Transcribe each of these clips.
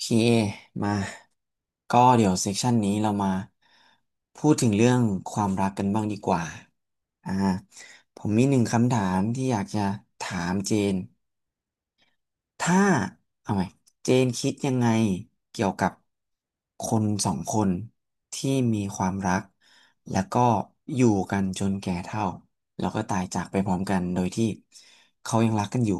พีเอมาก็เดี๋ยวเซกชันนี้เรามาพูดถึงเรื่องความรักกันบ้างดีกว่าอ่าผมมีหนึ่งคำถามที่อยากจะถามเจนถ้าเอาใหม่เจนคิดยังไงเกี่ยวกับคนสองคนที่มีความรักแล้วก็อยู่กันจนแก่เฒ่าแล้วก็ตายจากไปพร้อมกันโดยที่เขายังรักกันอยู่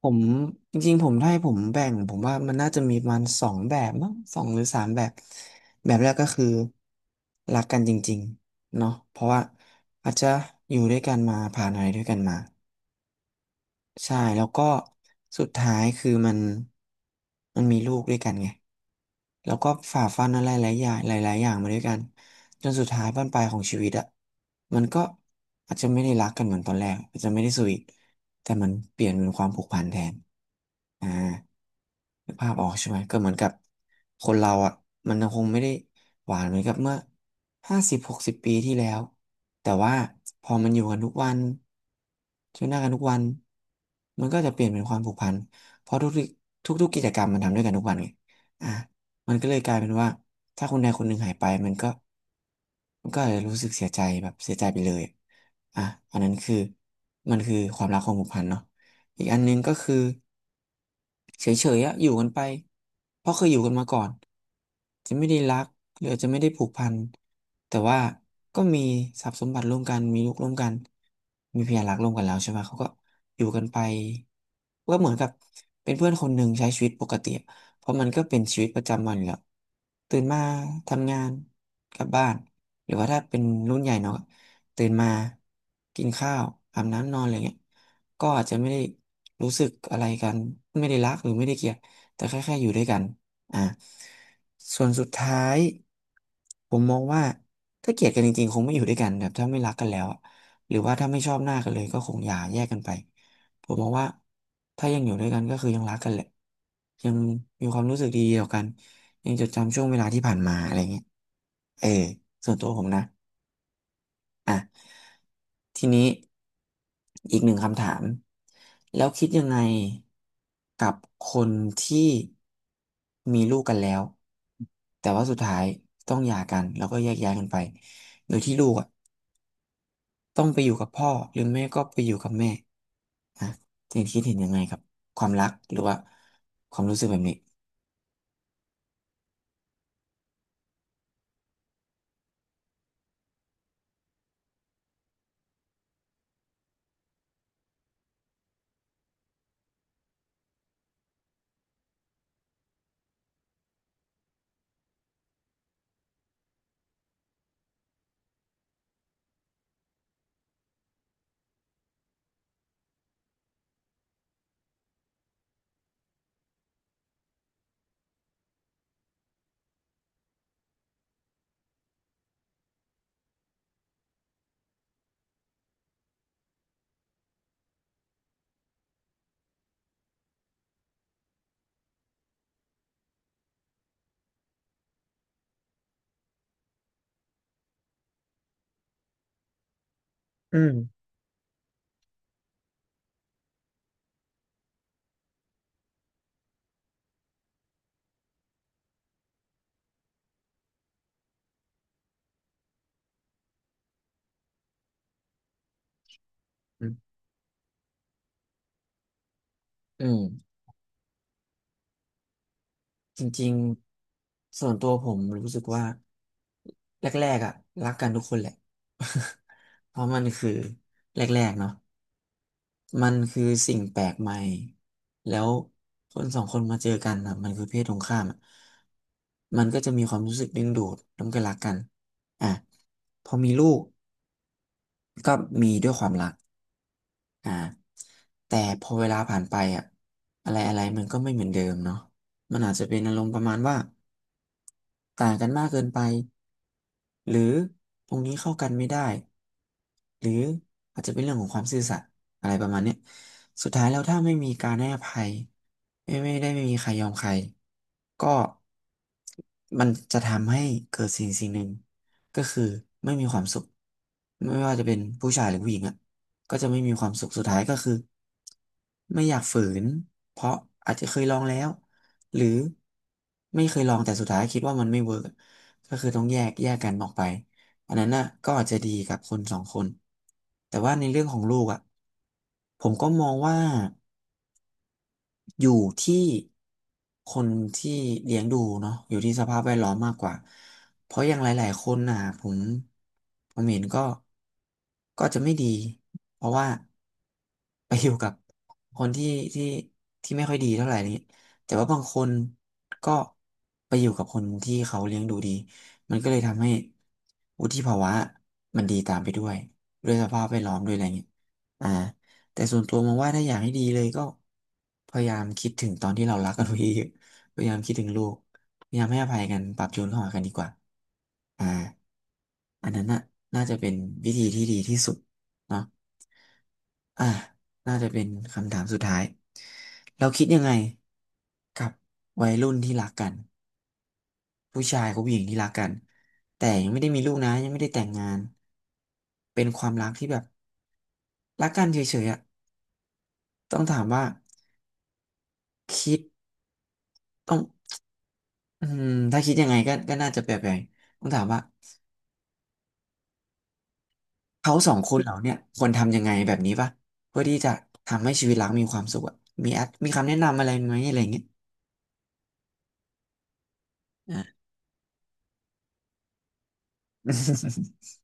ผมจริงๆผมถ้าให้ผมแบ่งผมว่ามันน่าจะมีประมาณสองแบบมั้งสองหรือสามแบบแบบแรกก็คือรักกันจริงๆเนาะเพราะว่าอาจจะอยู่ด้วยกันมาผ่านอะไรด้วยกันมา ใช่แล้วก็สุดท้ายคือมันมีลูกด้วยกันไงแล้วก็ฝ่าฟันอะไรหลายอย่างหลายๆอย่างมาด้วยกันจนสุดท้ายบั้นปลายของชีวิตอะมันก็อาจจะไม่ได้รักกันเหมือนตอนแรกอาจจะไม่ได้สวีทแต่มันเปลี่ยนเป็นความผูกพันแทนอ่านึกภาพออกใช่ไหมก็เหมือนกับคนเราอะมันยังคงไม่ได้หวานเหมือนกับเมื่อ50-60 ปีที่แล้ว แต่ว่าพอมันอยู่กันทุกวันเจอหน้ากันทุกวันมันก็จะเปลี่ยนเป็นความผูกพันเพราะทุกๆกิจกรรมมันทำด้วยกันทุกวันไงอ่ะมันก็เลยกลายเป็นว่าถ้าคนใดคนหนึ่งหายไปมันก็อาจจะรู้สึกเสียใจแบบเสียใจไปเลยอ่ะอันนั้นคือมันคือความรักความผูกพันเนาะอีกอันหนึงก็คือ เฉยๆอะอยู่กันไปเพราะเคยอยู่กันมาก่อนจะไม่ได้รักหรือจะไม่ได้ผูกพันแต่ว่าก็มีทรัพย์สมบัติร่วมกันมีลูกร่วมกันมีพยานรักร่วมกันแล้วใช่ไหมเขาก็อยู่กันไปก็เหมือนกับเป็นเพื่อนคนหนึ่งใช้ชีวิตปกติอะเพราะมันก็เป็นชีวิตประจำวันอยู่แล้วตื่นมาทำงานกลับบ้านหรือว่าถ้าเป็นรุ่นใหญ่เนาะ ตื่นมากินข้าวอาบน้ำนอนอะไรเงี้ยก็อาจจะไม่ได้รู้สึกอะไรกันไม่ได้รักหรือไม่ได้เกลียดแต่แค่อยู่ด้วยกันอ่าส่วนสุดท้ายผมมองว่าถ้าเกลียดกันจริงๆคงไม่อยู่ด้วยกันแบบถ้าไม่รักกันแล้วอะหรือว่าถ้าไม่ชอบหน้ากันเลยก็คงอย่าแยกกันไปผมมองว่าถ้ายังอยู่ด้วยกันก็คือยังรักกันแหละยังมีความรู้สึกดีๆต่อกันยังจดจำช่วงเวลาที่ผ่านมาอะไรเงี้ยเออส่วนตัวผมนะอ่ะ ทีนี้อีกหนึ่งคำถามแล้วคิดยังไงกับคนที่มีลูกกันแล้วแต่ว่าสุดท้ายต้องหย่ากันแล้วก็แยกย้ายกันไปโดยที่ลูกอะต้องไปอยู่กับพ่อหรือแม่ก็ไปอยู่กับแม่ฮะเจนคิดเห็นยังไงกับความรักหรือว่าความรู้สึกแบบนี้อืมอืม จริงๆส่วนตัวผมรู้สึกว่าแรกๆอ่ะรักกันทุกคนแหละ เพราะมันคือแรกๆเนาะมันคือสิ่งแปลกใหม่แล้วคนสองคนมาเจอกันอะมันคือเพศตรงข้ามอะมันก็จะมีความรู้สึกดึงดูดแล้วมันก็รักกันอ่ะพอมีลูกก็มีด้วยความรักอ่าแต่พอเวลาผ่านไปอ่ะอะไรอะไรมันก็ไม่เหมือนเดิมเนาะมันอาจจะเป็นอารมณ์ประมาณว่าต่างกันมากเกินไป หรือตรงนี้เข้ากันไม่ได้หรืออาจจะเป็นเรื่องของความซื่อสัตย์อะไรประมาณเนี้ยสุดท้ายแล้วถ้าไม่มีการให้อภัยไม่มีใครยอมใครก็มันจะทำให้เกิดสิ่งหนึ่งก็คือไม่มีความสุขไม่ว่าจะเป็นผู้ชายหรือผู้หญิงอ่ะก็จะไม่มีความสุขสุดท้ายก็คือไม่อยากฝืนเพราะอาจจะเคยลองแล้วหรือไม่เคยลองแต่สุดท้ายคิดว่ามันไม่เวิร์ก ก็คือต้องแยกกันออกไปอันนั้นน่ะก็อาจจะดีกับคนสองคนแต่ว่าในเรื่องของลูกอ่ะผมก็มองว่า อยู่ที่คนที่เลี้ยงดูเนาะอยู่ที่สภาพแวดล้อมมากกว่าเพราะอย่างหลายๆคนน่ะผมเห็นก็จะไม่ดีเพราะว่าไปอยู่กับคนที่ที่ไม่ค่อยดีเท่าไหร่นี้แต่ว่าบางคนก็ไปอยู่กับคนที่เขาเลี้ยงดูดีมันก็เลยทำให้วุฒิภาวะมันดีตามไปด้วยด้วยสภาพแวดล้อมด้วยอะไรเงี้ยอ่า แต่ส่วนตัวมองว่าถ้าอยากให้ดีเลยก็พยายามคิดถึงตอนที่เรารักกันไว้เยอะ ๆพยายามคิดถึงลูกพยายามให้อภัยกันปรับจูนเข้าหากันดีกว่าอ่าอันนั้นน่ะน่าจะเป็นวิธีที่ดีที่สุดเนาะอ่าน่าจะเป็นคำถามสุดท้ายเราคิดยังไงกับวัยรุ่นที่รักกันผู้ชายกับผู้หญิงที่รักกันแต่ยังไม่ได้มีลูกนะยังไม่ได้แต่งงานเป็นความรักที่แบบรักกันเฉยๆอ่ะต้องถามว่าคิดต้อง อืมถ้าคิดยังไงก็น่าจะแปลกๆต้องถามว่าเขาสองคนเหล่าเนี่ยควรทำยังไงแบบนี้ปะเพื่อที่จะทำให้ชีวิตรักมีความสุขอะมีแอดมีคำแนะนำอะไรไหมอะไรอย่างเงี้ยอ่า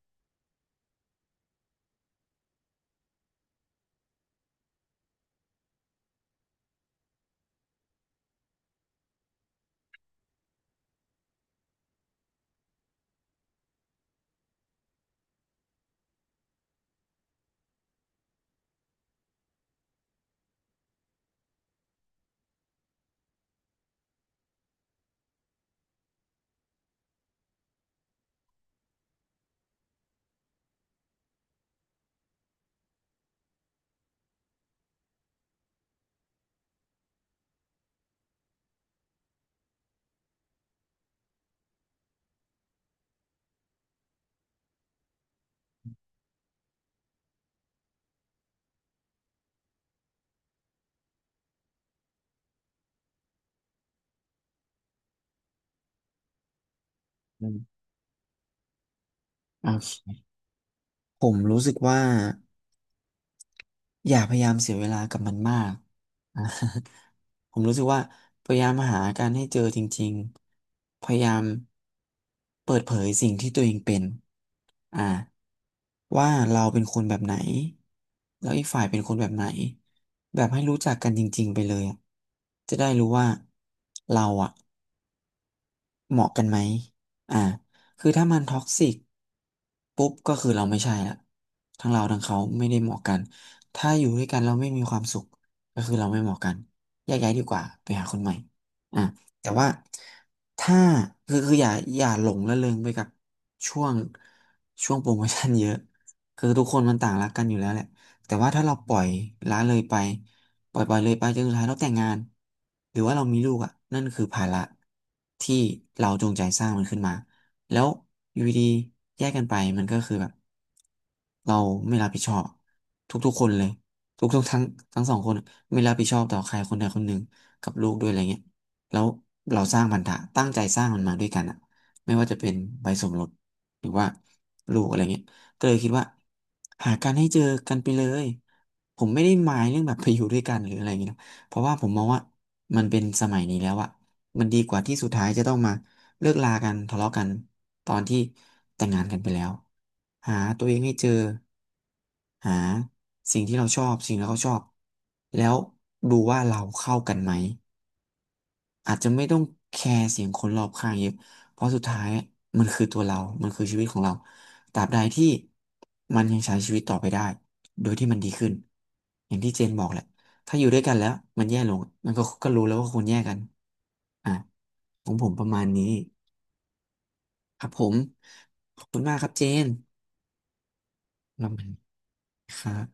อืมโอเคผมรู้สึกว่า อย่าพยายามเสียเวลากับมันมาก อ่ะ ผมรู้สึกว่าพยายามหาการให้เจอจริงๆพยายามเปิดเผยสิ่งที่ตัวเองเป็นอ่าว่าเราเป็นคนแบบไหนแล้วอีกฝ่ายเป็นคนแบบไหนแบบให้รู้จักกันจริงๆไปเลยอะจะได้รู้ว่าเราอ่ะ เหมาะกันไหมอ่าคือถ้ามันท็อกซิกปุ๊บก็คือเราไม่ใช่ละทั้งเราทั้งเขาไม่ได้เหมาะกัน ถ้าอยู่ด้วยกันเราไม่มีความสุขก็คือเราไม่เหมาะกันแยกย้ายดีกว่าไปหาคนใหม่อ่าแต่ว่าถ้าคืออย่าหลงระเริงไปกับช่วง ช่วงโปรโมชั่นเยอะ คือทุกคนมันต่างรักกันอยู่แล้วแหละแต่ว่าถ้าเราปล่อยละเลยไป ปล่อยเลยไปจนสุดท้ายเราแต่งงานหรือว่าเรามีลูกอ่ะนั่นคือภาระที่เราจงใจสร้างมันขึ้นมาแล้วอยู่ดีๆแยกกันไปมันก็คือแบบเราไม่รับผิดชอบทุกๆคนเลยทุกๆทั้งสองคนไม่รับผิดชอบต่อใครคนใดคนหนึ่งกับลูกด้วยอะไรเงี้ยแล้วเราสร้างพันธะตั้งใจสร้างมันมาด้วยกันอ่ะไม่ว่าจะเป็นใบสมรสหรือว่าลูกอะไรเงี้ย ก็เลยคิดว่าหากันให้เจอกันไปเลยผมไม่ได้หมายเรื่องแบบไปอยู่ด้วยกันหรืออะไรอย่างเงี้ยนะเพราะว่าผมมองว่ามันเป็นสมัยนี้แล้วอะมันดีกว่าที่สุดท้ายจะต้องมาเลิกลากันทะเลาะกันตอนที่แต่งงานกันไปแล้วหาตัวเองให้เจอหาสิ่งที่เราชอบสิ่งที่เราชอบแล้วดูว่าเราเข้ากันไหม อาจจะไม่ต้องแคร์เสียงคนรอบข้างเยอะเพราะสุดท้ายมันคือตัวเรา มันคือชีวิตของเราตราบใดที่มันยังใช้ชีวิตต่อไปได้ โดยที่มันดีขึ้นอย่างที่เจนบอกแหละถ้าอยู่ด้วยกันแล้วมันแย่ลงมันก็รู้แล้วว่าควรแยกกันอ่ะของผมประมาณนี้ครับผมขอบคุณมากครับเจนประมาณนี้ครับ